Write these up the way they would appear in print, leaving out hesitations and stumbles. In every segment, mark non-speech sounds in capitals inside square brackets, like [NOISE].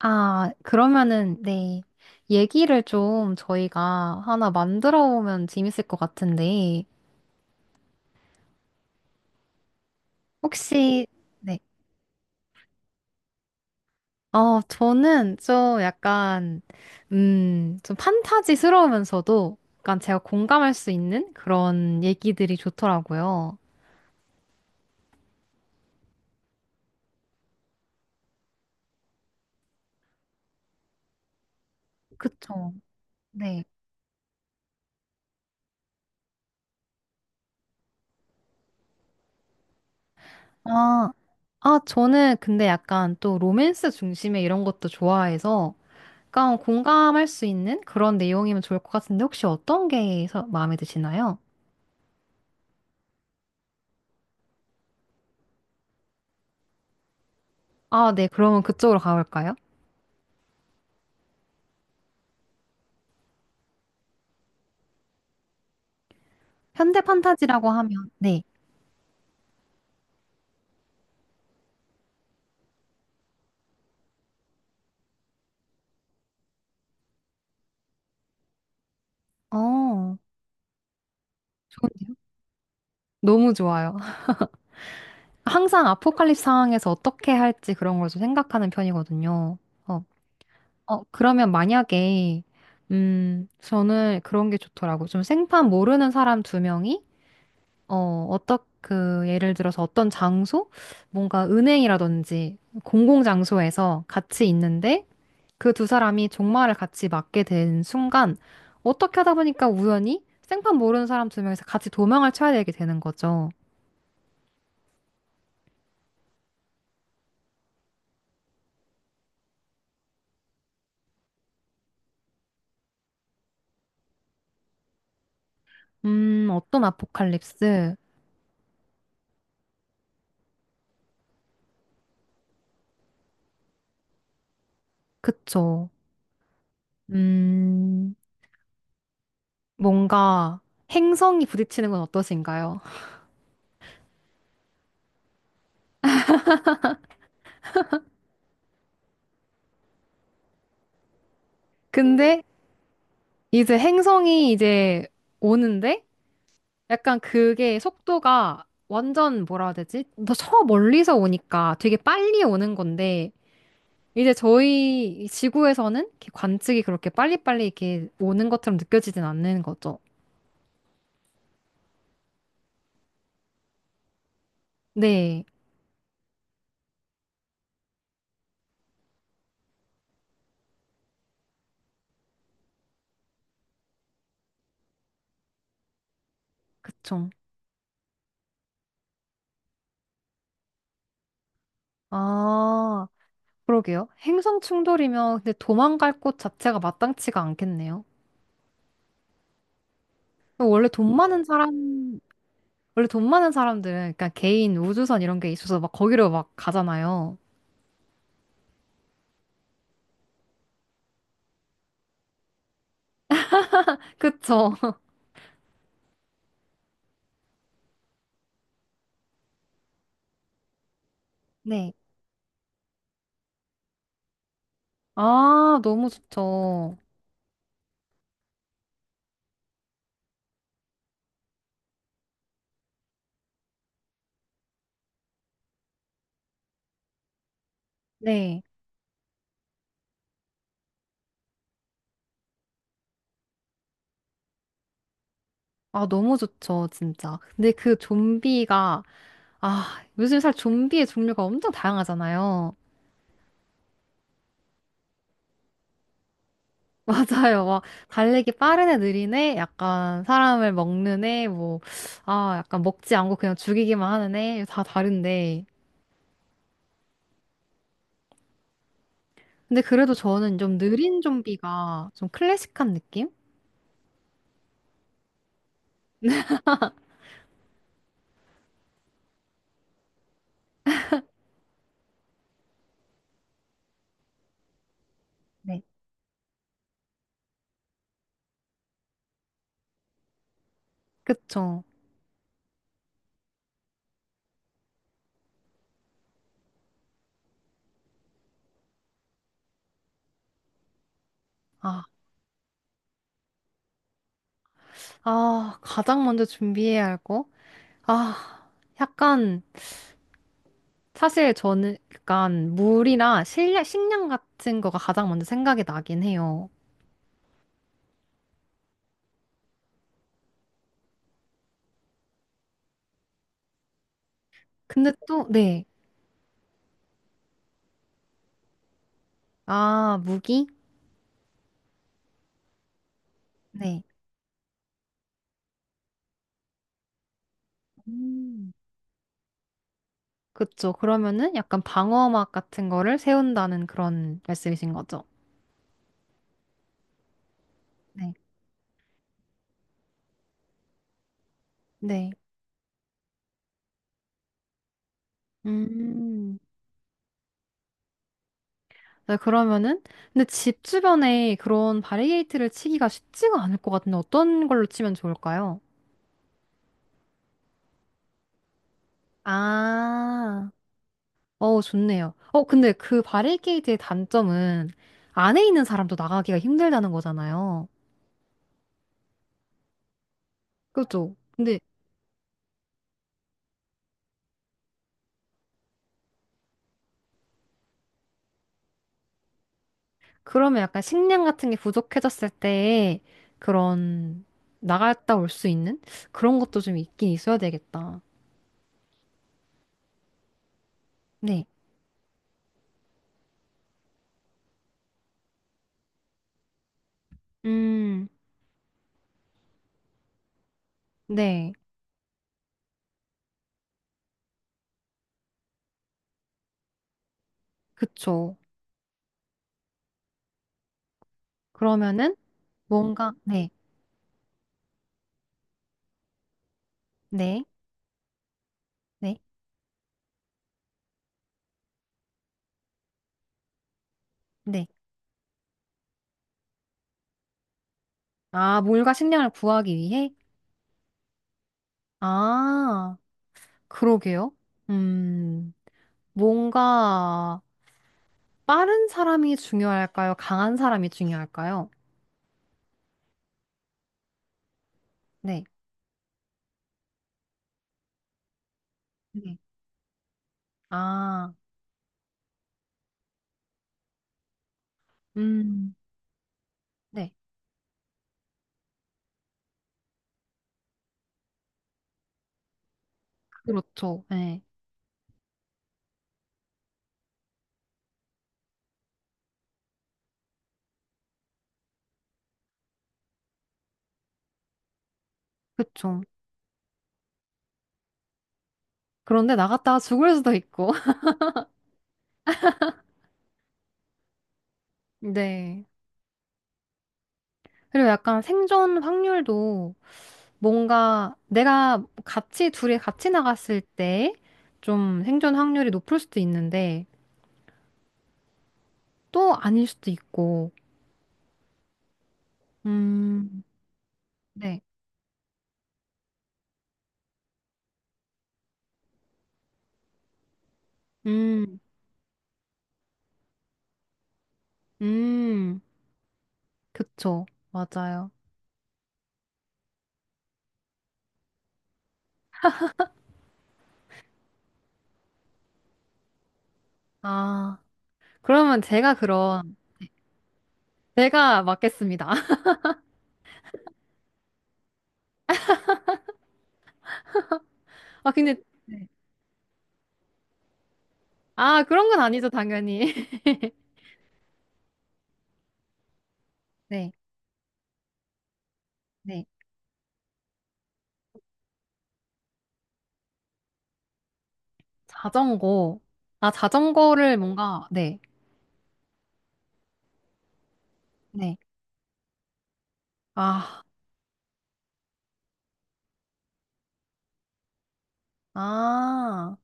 아, 그러면은, 네. 얘기를 좀 저희가 하나 만들어 오면 재밌을 것 같은데, 혹시, 네. 저는 좀 약간, 좀 판타지스러우면서도 약간 제가 공감할 수 있는 그런 얘기들이 좋더라고요. 그쵸. 네. 아, 아, 저는 근데 약간 또 로맨스 중심의 이런 것도 좋아해서, 약간 공감할 수 있는 그런 내용이면 좋을 것 같은데, 혹시 어떤 게 마음에 드시나요? 아, 네. 그러면 그쪽으로 가볼까요? 현대 판타지라고 하면, 네. 어, 좋은데요? 너무 좋아요. [LAUGHS] 항상 아포칼립스 상황에서 어떻게 할지 그런 걸 좀 생각하는 편이거든요. 어, 그러면 만약에, 저는 그런 게 좋더라고요. 좀 생판 모르는 사람 두 명이, 어, 예를 들어서 어떤 장소? 뭔가 은행이라든지 공공장소에서 같이 있는데, 그 두 사람이 종말을 같이 맞게 된 순간 어떻게 하다 보니까 우연히 생판 모르는 사람 두 명이서 같이 도망을 쳐야 되게 되는 거죠. 어떤 아포칼립스? 그쵸. 음, 뭔가 행성이 부딪히는 건 어떠신가요? 근데 이제 행성이 이제 오는데 약간 그게 속도가 완전 뭐라 해야 되지? 더 저 멀리서 오니까 되게 빨리 오는 건데 이제 저희 이 지구에서는 이렇게 관측이 그렇게 빨리빨리 이렇게 오는 것처럼 느껴지진 않는 거죠. 네, 그쵸. 아, 그러게요. 행성 충돌이면 근데 도망갈 곳 자체가 마땅치가 않겠네요. 원래 돈 많은 사람, 원래 돈 많은 사람들은 그러니까 개인 우주선 이런 게 있어서 막 거기로 막 가잖아요. 그쵸. [LAUGHS] 네. 아, 너무 좋죠. 네. 아, 너무 좋죠, 진짜. 근데 그 좀비가 요즘 살 좀비의 종류가 엄청 다양하잖아요. [LAUGHS] 맞아요. 막, 달리기 빠른 애, 느린 애, 약간 사람을 먹는 애, 뭐, 아, 약간 먹지 않고 그냥 죽이기만 하는 애, 다 다른데. 근데 그래도 저는 좀 느린 좀비가 좀 클래식한 느낌? 네. 그쵸. 아, 가장 먼저 준비해야 할 거? 아, 약간, 사실 저는 약간 물이나 식량 같은 거가 가장 먼저 생각이 나긴 해요. 근데 또, 네. 아, 무기? 네. 음. 그쵸. 그러면은 약간 방어막 같은 거를 세운다는 그런 말씀이신 거죠? 네. 네. 음. 네, 그러면은, 근데 집 주변에 그런 바리게이트를 치기가 쉽지가 않을 것 같은데 어떤 걸로 치면 좋을까요? 아, 좋네요. 근데 그 바리게이트의 단점은 안에 있는 사람도 나가기가 힘들다는 거잖아요. 그죠? 근데 그러면 약간 식량 같은 게 부족해졌을 때 그런 나갔다 올 수 있는 그런 것도 좀 있긴 있어야 되겠다. 네. 음, 네. 그쵸. 그러면은 뭔가, 네, 네, 네, 네. 아, 물과 식량을 구하기 위해? 아, 그러게요. 음, 뭔가 빠른 사람이 중요할까요? 강한 사람이 중요할까요? 네. 네. 아, 음, 네. 그렇죠. 네. 그쵸. 그런데 나갔다가 죽을 수도 있고. [LAUGHS] 네. 그리고 약간 생존 확률도 뭔가 내가 같이, 둘이 같이 나갔을 때 좀 생존 확률이 높을 수도 있는데 또 아닐 수도 있고. 음, 네. 음, 음, 그쵸. 맞아요. 아, 그러면 제가 맞겠습니다. [LAUGHS] 아, 근데, 네. 아, 그런 건 아니죠, 당연히. [LAUGHS] 네, 네. 자전거. 아, 자전거를 뭔가, 네. 네. 아, 아.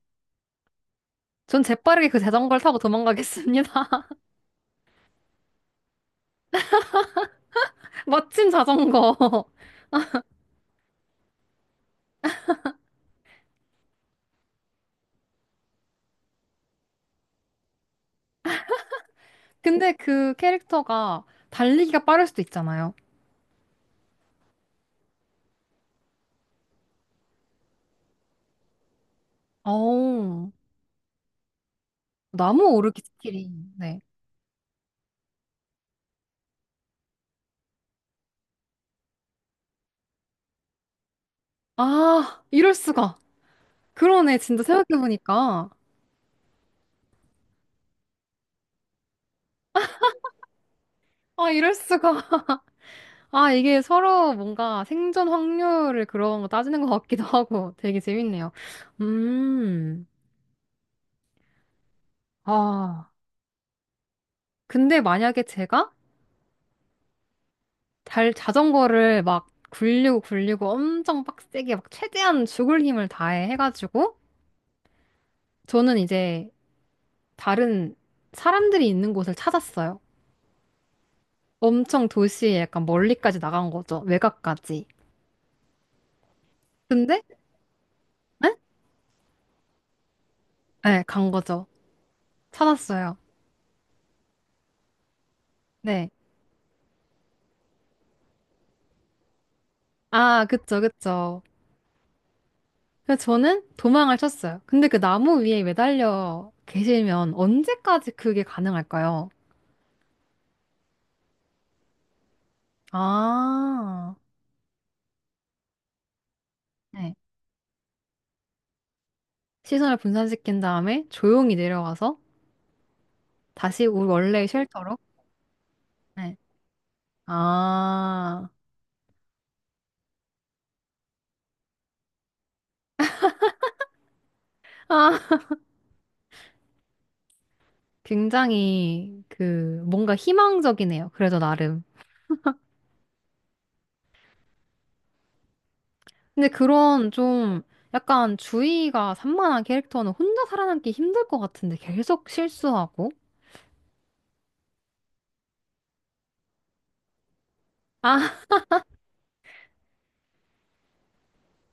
전 재빠르게 그 자전거를 타고 도망가겠습니다. [LAUGHS] 멋진 자전거. [LAUGHS] 근데 그 캐릭터가 달리기가 빠를 수도 있잖아요. 어우, 나무 오르기 스킬이. 네. 아, 이럴 수가. 그러네, 진짜 생각해보니까. 아, 이럴 수가. 아, 이게 서로 뭔가 생존 확률을 그런 거 따지는 것 같기도 하고 되게 재밌네요. 음, 아. 근데 만약에 제가 달 자전거를 막 굴리고 굴리고 엄청 빡세게 막 최대한 죽을 힘을 다해 해가지고 저는 이제 다른 사람들이 있는 곳을 찾았어요. 엄청 도시에 약간 멀리까지 나간 거죠. 외곽까지. 근데 네? 네, 간 거죠. 찾았어요. 네. 아, 그쵸, 그쵸. 그래서 저는 도망을 쳤어요. 근데 그 나무 위에 매달려 계시면 언제까지 그게 가능할까요? 아, 시선을 분산시킨 다음에 조용히 내려와서 다시 우리 원래의 쉘터로. 네. 아, 아, 굉장히 그 뭔가 희망적이네요. 그래도 나름. 근데 그런 좀 약간 주의가 산만한 캐릭터는 혼자 살아남기 힘들 것 같은데 계속 실수하고. 아,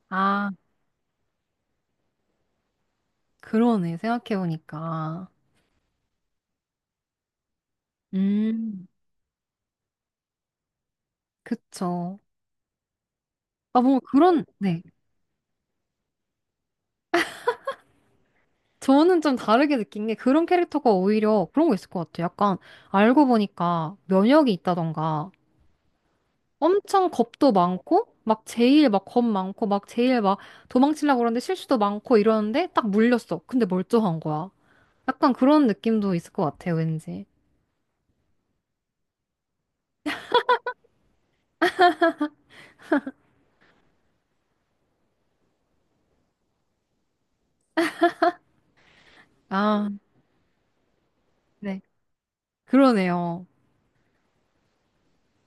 아, 그러네. 생각해보니까. 음, 그쵸. 아, 뭔가 그런, 네. 저는 좀 다르게 느낀 게 그런 캐릭터가 오히려 그런 거 있을 것 같아요. 약간 알고 보니까 면역이 있다던가 엄청 겁도 많고 막 제일 막 겁 많고 막 제일 막 도망치려고 그러는데 실수도 많고 이러는데 딱 물렸어. 근데 멀쩡한 거야. 약간 그런 느낌도 있을 것 같아요, 왠지. 아, 네. 그러네요.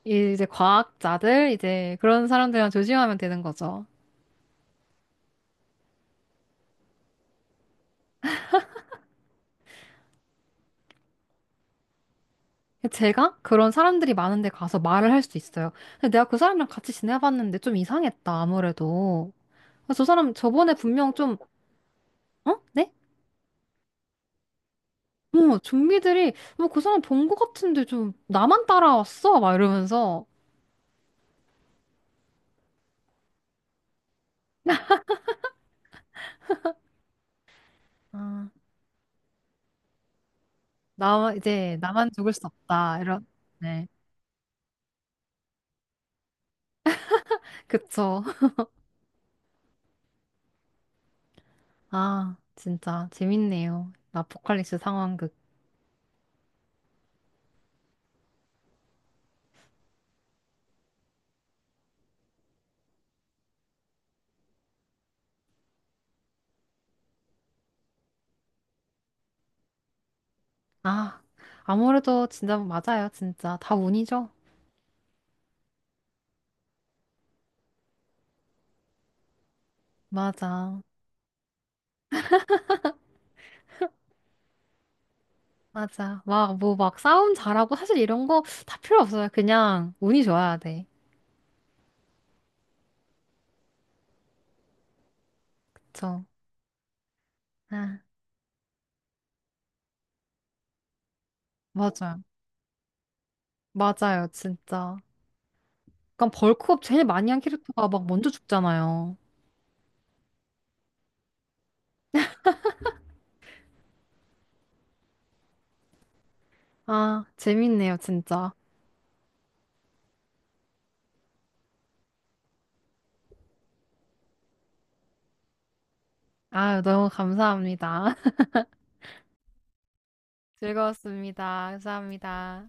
이제 과학자들, 이제 그런 사람들이랑 조심하면 되는 거죠. 제가 그런 사람들이 많은데 가서 말을 할 수 있어요. 근데 내가 그 사람이랑 같이 지내봤는데 좀 이상했다, 아무래도. 아, 저 사람 저번에 분명 좀, 어? 네? 어, 좀비들이, 뭐 그 사람 본 것 같은데 좀 나만 따라왔어? 막 이러면서. 아, 나, 이제 나만 죽을 수 없다. 이런, 네. 그쵸. 아, 진짜 재밌네요. 아포칼립스 상황극. 아, 아무래도 진짜 맞아요. 진짜 다 운이죠. 맞아. 맞아. 막, 뭐, 막 싸움 잘하고 사실 이런 거 다 필요 없어요. 그냥 운이 좋아야 돼. 그쵸. 아, 맞아요. 맞아요, 진짜. 약간 벌크업 제일 많이 한 캐릭터가 막 먼저 죽잖아요. 아, 재밌네요, 진짜. 아유, 너무 감사합니다. [LAUGHS] 즐거웠습니다. 감사합니다.